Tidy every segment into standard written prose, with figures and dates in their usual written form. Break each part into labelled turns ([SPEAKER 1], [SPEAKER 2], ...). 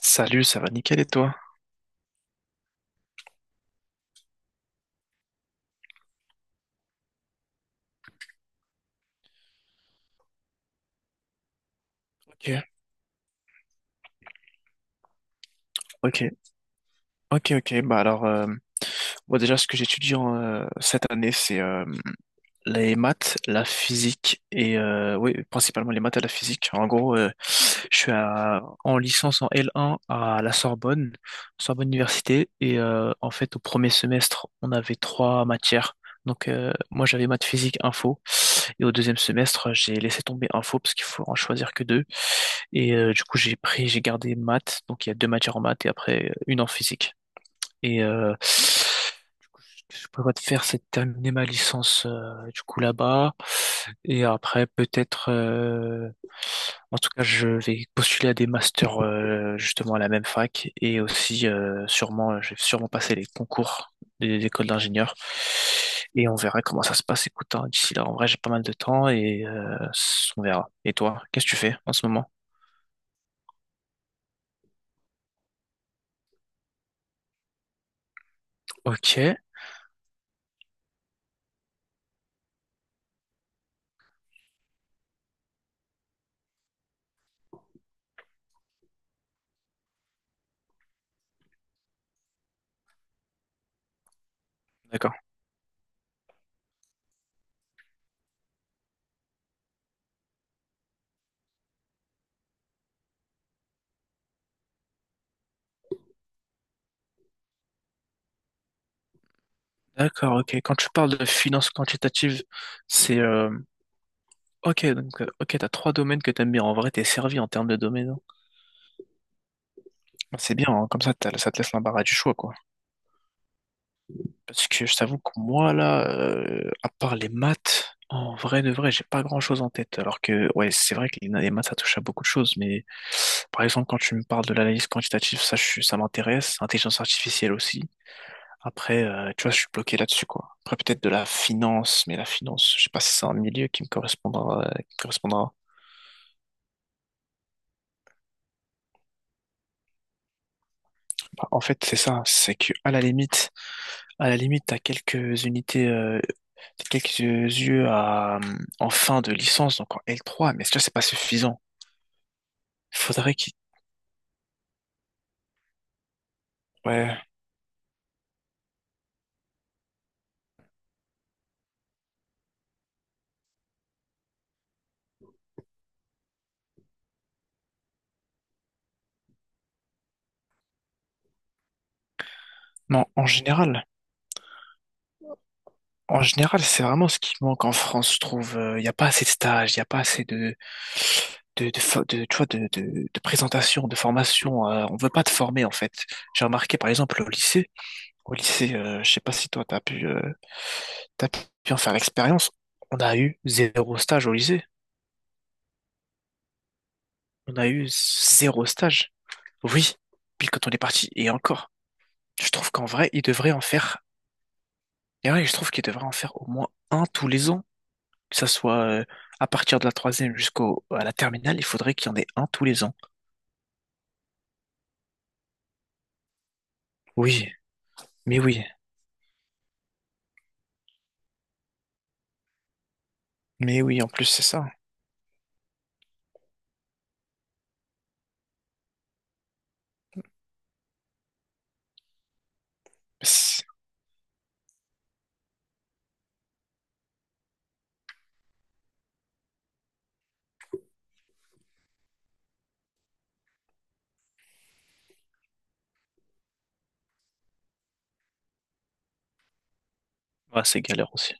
[SPEAKER 1] Salut, ça va nickel et toi? Ok, ok, ok, ok. Bah alors, moi, déjà, ce que j'étudie cette année, c'est les maths, la physique et oui, principalement les maths et la physique. En gros, je suis en licence en L1 à la Sorbonne, Sorbonne Université, et en fait, au premier semestre, on avait trois matières. Donc, moi, j'avais maths, physique, info, et au deuxième semestre, j'ai laissé tomber info parce qu'il faut en choisir que deux. Et du coup, j'ai gardé maths, donc il y a deux matières en maths et après une en physique. Et ce que je prévois de faire, c'est de terminer ma licence du coup là-bas. Et après, peut-être, en tout cas, je vais postuler à des masters justement à la même fac et aussi je vais sûrement passer les concours des écoles d'ingénieurs. Et on verra comment ça se passe. Écoute, hein, d'ici là, en vrai, j'ai pas mal de temps et on verra. Et toi, qu'est-ce que tu fais en ce moment? Ok, d'accord. D'accord, ok. Quand tu parles de finances quantitatives, c'est ok, donc, ok, t'as trois domaines que t'aimes bien. En vrai, t'es servi en termes de domaine. C'est bien, hein. Comme ça, ça te laisse l'embarras du choix, quoi. Parce que je t'avoue que moi, là, à part les maths, en vrai de vrai, j'ai pas grand-chose en tête. Alors que, ouais, c'est vrai que les maths, ça touche à beaucoup de choses. Mais, par exemple, quand tu me parles de l'analyse quantitative, ça, ça m'intéresse. Intelligence artificielle aussi. Après, tu vois, je suis bloqué là-dessus, quoi. Après, peut-être de la finance, mais la finance, je sais pas si c'est un milieu qui me correspondra. Bah, en fait, c'est ça. C'est que, à la limite, t'as quelques unités, t'as quelques yeux en fin de licence, donc en L3, mais ça, c'est pas suffisant. Faudrait qu'il... Ouais. Non, en général, c'est vraiment ce qui manque en France, je trouve. Il n'y a pas assez de stages, il n'y a pas assez de, tu vois, de présentation, de formation. On veut pas te former, en fait. J'ai remarqué, par exemple, au lycée, je sais pas si toi, t'as pu en faire l'expérience. On a eu zéro stage au lycée. On a eu zéro stage. Oui, pile quand on est parti, et encore. Je trouve qu'en vrai, il devrait en faire. Et ouais, je trouve qu'il devrait en faire au moins un tous les ans. Que ça soit à partir de la troisième jusqu'au à la terminale, il faudrait qu'il y en ait un tous les ans. Oui, mais oui, mais oui, en plus c'est ça. C'est ouais, c'est galère aussi.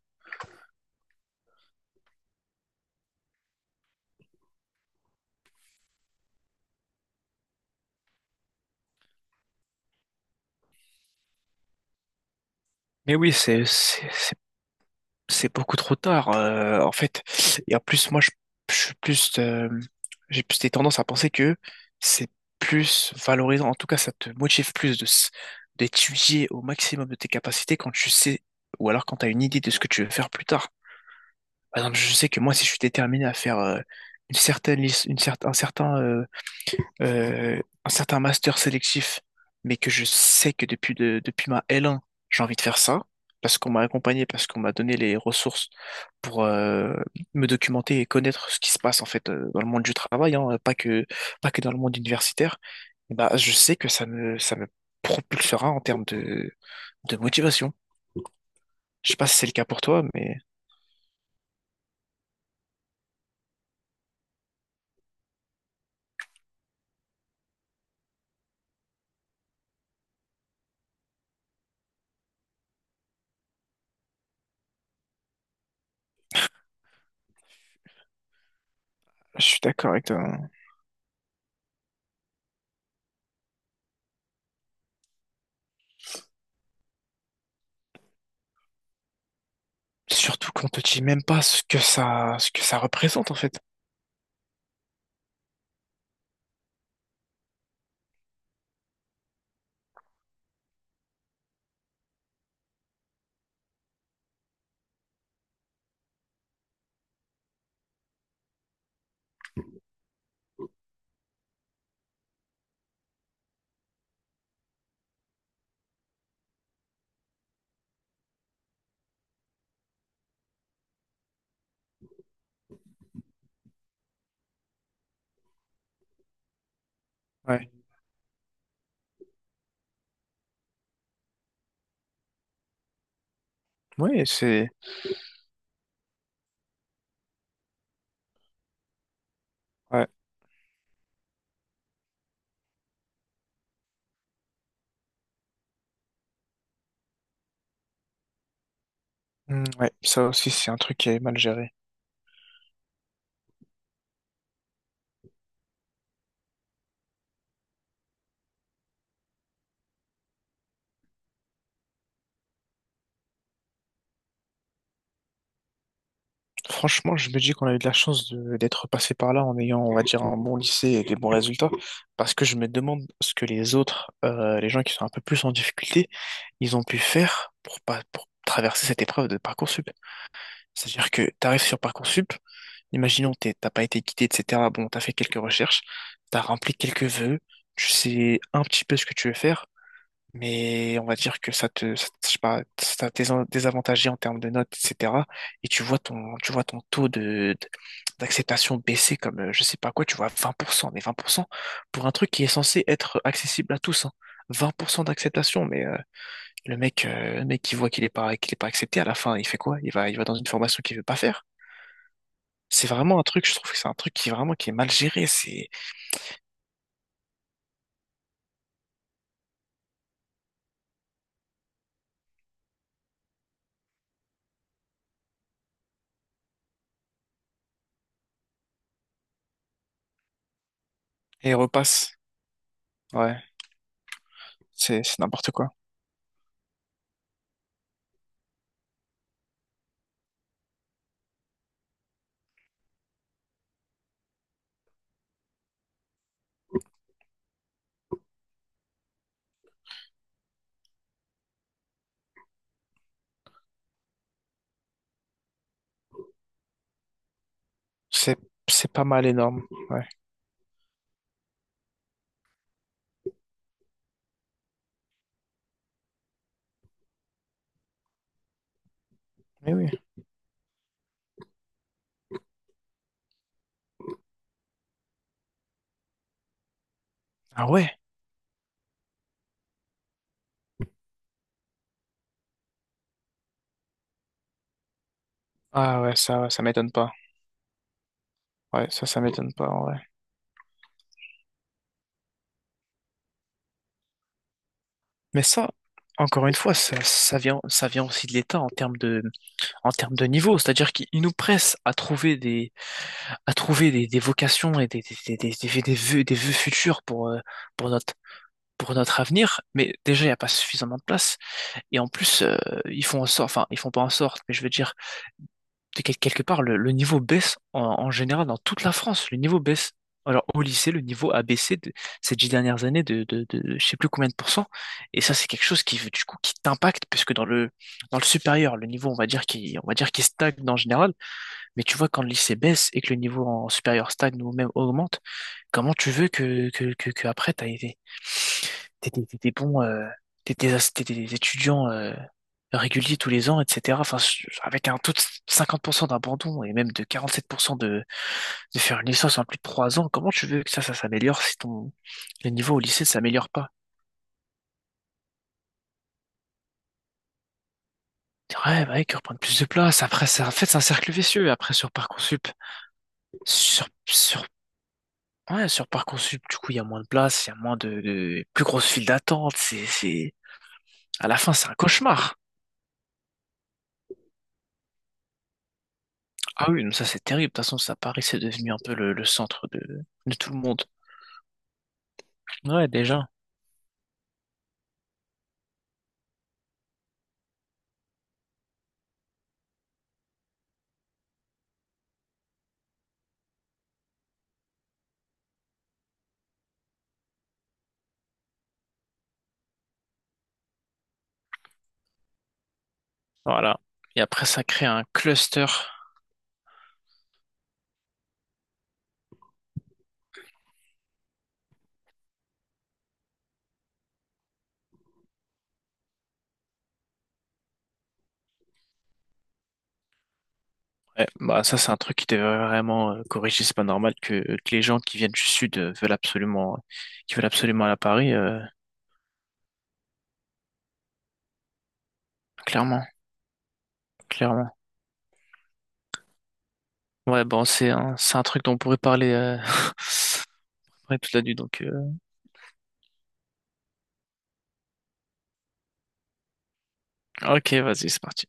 [SPEAKER 1] Mais oui, c'est beaucoup trop tard, en fait. Et en plus, moi, je suis plus, j'ai plus des tendances à penser que c'est plus valorisant. En tout cas, ça te motive plus d'étudier au maximum de tes capacités quand tu sais, ou alors quand tu as une idée de ce que tu veux faire plus tard. Par exemple, je sais que moi, si je suis déterminé à faire une certaine, lic- une certaine, un certain master sélectif, mais que je sais que depuis ma L1, j'ai envie de faire ça, parce qu'on m'a accompagné, parce qu'on m'a donné les ressources pour me documenter et connaître ce qui se passe en fait dans le monde du travail, hein, pas que dans le monde universitaire, et bah, je sais que ça me propulsera en termes de motivation. Je sais pas si c'est le cas pour toi, mais je suis d'accord avec toi, hein. Surtout qu'on te dit même pas ce que ça représente en fait. Ouais, ouais, c'est, ouais. Hmm, ouais, ça aussi, c'est un truc qui est mal géré. Franchement, je me dis qu'on a eu de la chance d'être passé par là en ayant, on va dire, un bon lycée et des bons résultats, parce que je me demande ce que les autres, les gens qui sont un peu plus en difficulté, ils ont pu faire pour pas, pour traverser cette épreuve de Parcoursup. C'est-à-dire que tu arrives sur Parcoursup, imaginons t'as pas été guidé, etc. Bon, t'as fait quelques recherches, t'as rempli quelques vœux, tu sais un petit peu ce que tu veux faire, mais on va dire que je sais pas, ça t'a désavantagé en termes de notes, etc. Et tu vois ton taux d'acceptation baisser comme, je sais pas quoi, tu vois, 20%, mais 20% pour cent pour un truc qui est censé être accessible à tous, hein. 20% d'acceptation, mais le mec qui voit qu'il est pas accepté, à la fin, il fait quoi? Il va dans une formation qu'il veut pas faire. C'est vraiment un truc, je trouve que c'est un truc qui est vraiment qui est mal géré, c'est, et il repasse. Ouais, c'est n'importe quoi. C'est, c'est pas mal énorme. Ouais. Mais oui. Ah ouais. Ah ouais, ça m'étonne pas. Ouais, ça m'étonne pas, en vrai. Mais ça, encore une fois, ça, ça vient aussi de l'État en termes de niveau. C'est-à-dire qu'il nous presse à trouver des vocations et des vœux futurs pour notre, pour notre avenir, mais déjà il n'y a pas suffisamment de place. Et en plus, ils font en sorte, enfin ils font pas en sorte, mais je veux dire, de quelque part, le niveau baisse en général dans toute la France. Le niveau baisse. Alors au lycée, le niveau a baissé de, ces 10 dernières années de je sais plus combien de pourcents. Et ça, c'est quelque chose qui du coup qui t'impacte, puisque dans le supérieur, le niveau on va dire qui stagne en général. Mais tu vois quand le lycée baisse et que le niveau en supérieur stagne ou même augmente, comment tu veux que après t'étais bon, t'étais étudiant réguliers tous les ans, etc. Enfin, avec un taux de 50% d'abandon et même de 47% de faire une licence en plus de 3 ans, comment tu veux que ça s'améliore si ton le niveau au lycée ne s'améliore pas? Dire, ouais, bah, qu'ils reprennent plus de place. Après, c'est en fait, c'est un cercle vicieux. Après, sur Parcoursup, sur, sur, ouais, sur Parcoursup, du coup, il y a moins de place, il y a moins de plus grosse file d'attente. À la fin, c'est un cauchemar. Ah oui, mais ça c'est terrible. De toute façon, ça, Paris, c'est devenu un peu le centre de tout le monde. Ouais, déjà. Voilà. Et après, ça crée un cluster. Ouais, bah ça, c'est un truc qui devrait vraiment corriger. C'est pas normal que les gens qui viennent du sud veulent absolument aller à Paris. Clairement, clairement. Ouais, bon, c'est un truc dont on pourrait parler ouais, toute la nuit. Donc, ok, vas-y, c'est parti.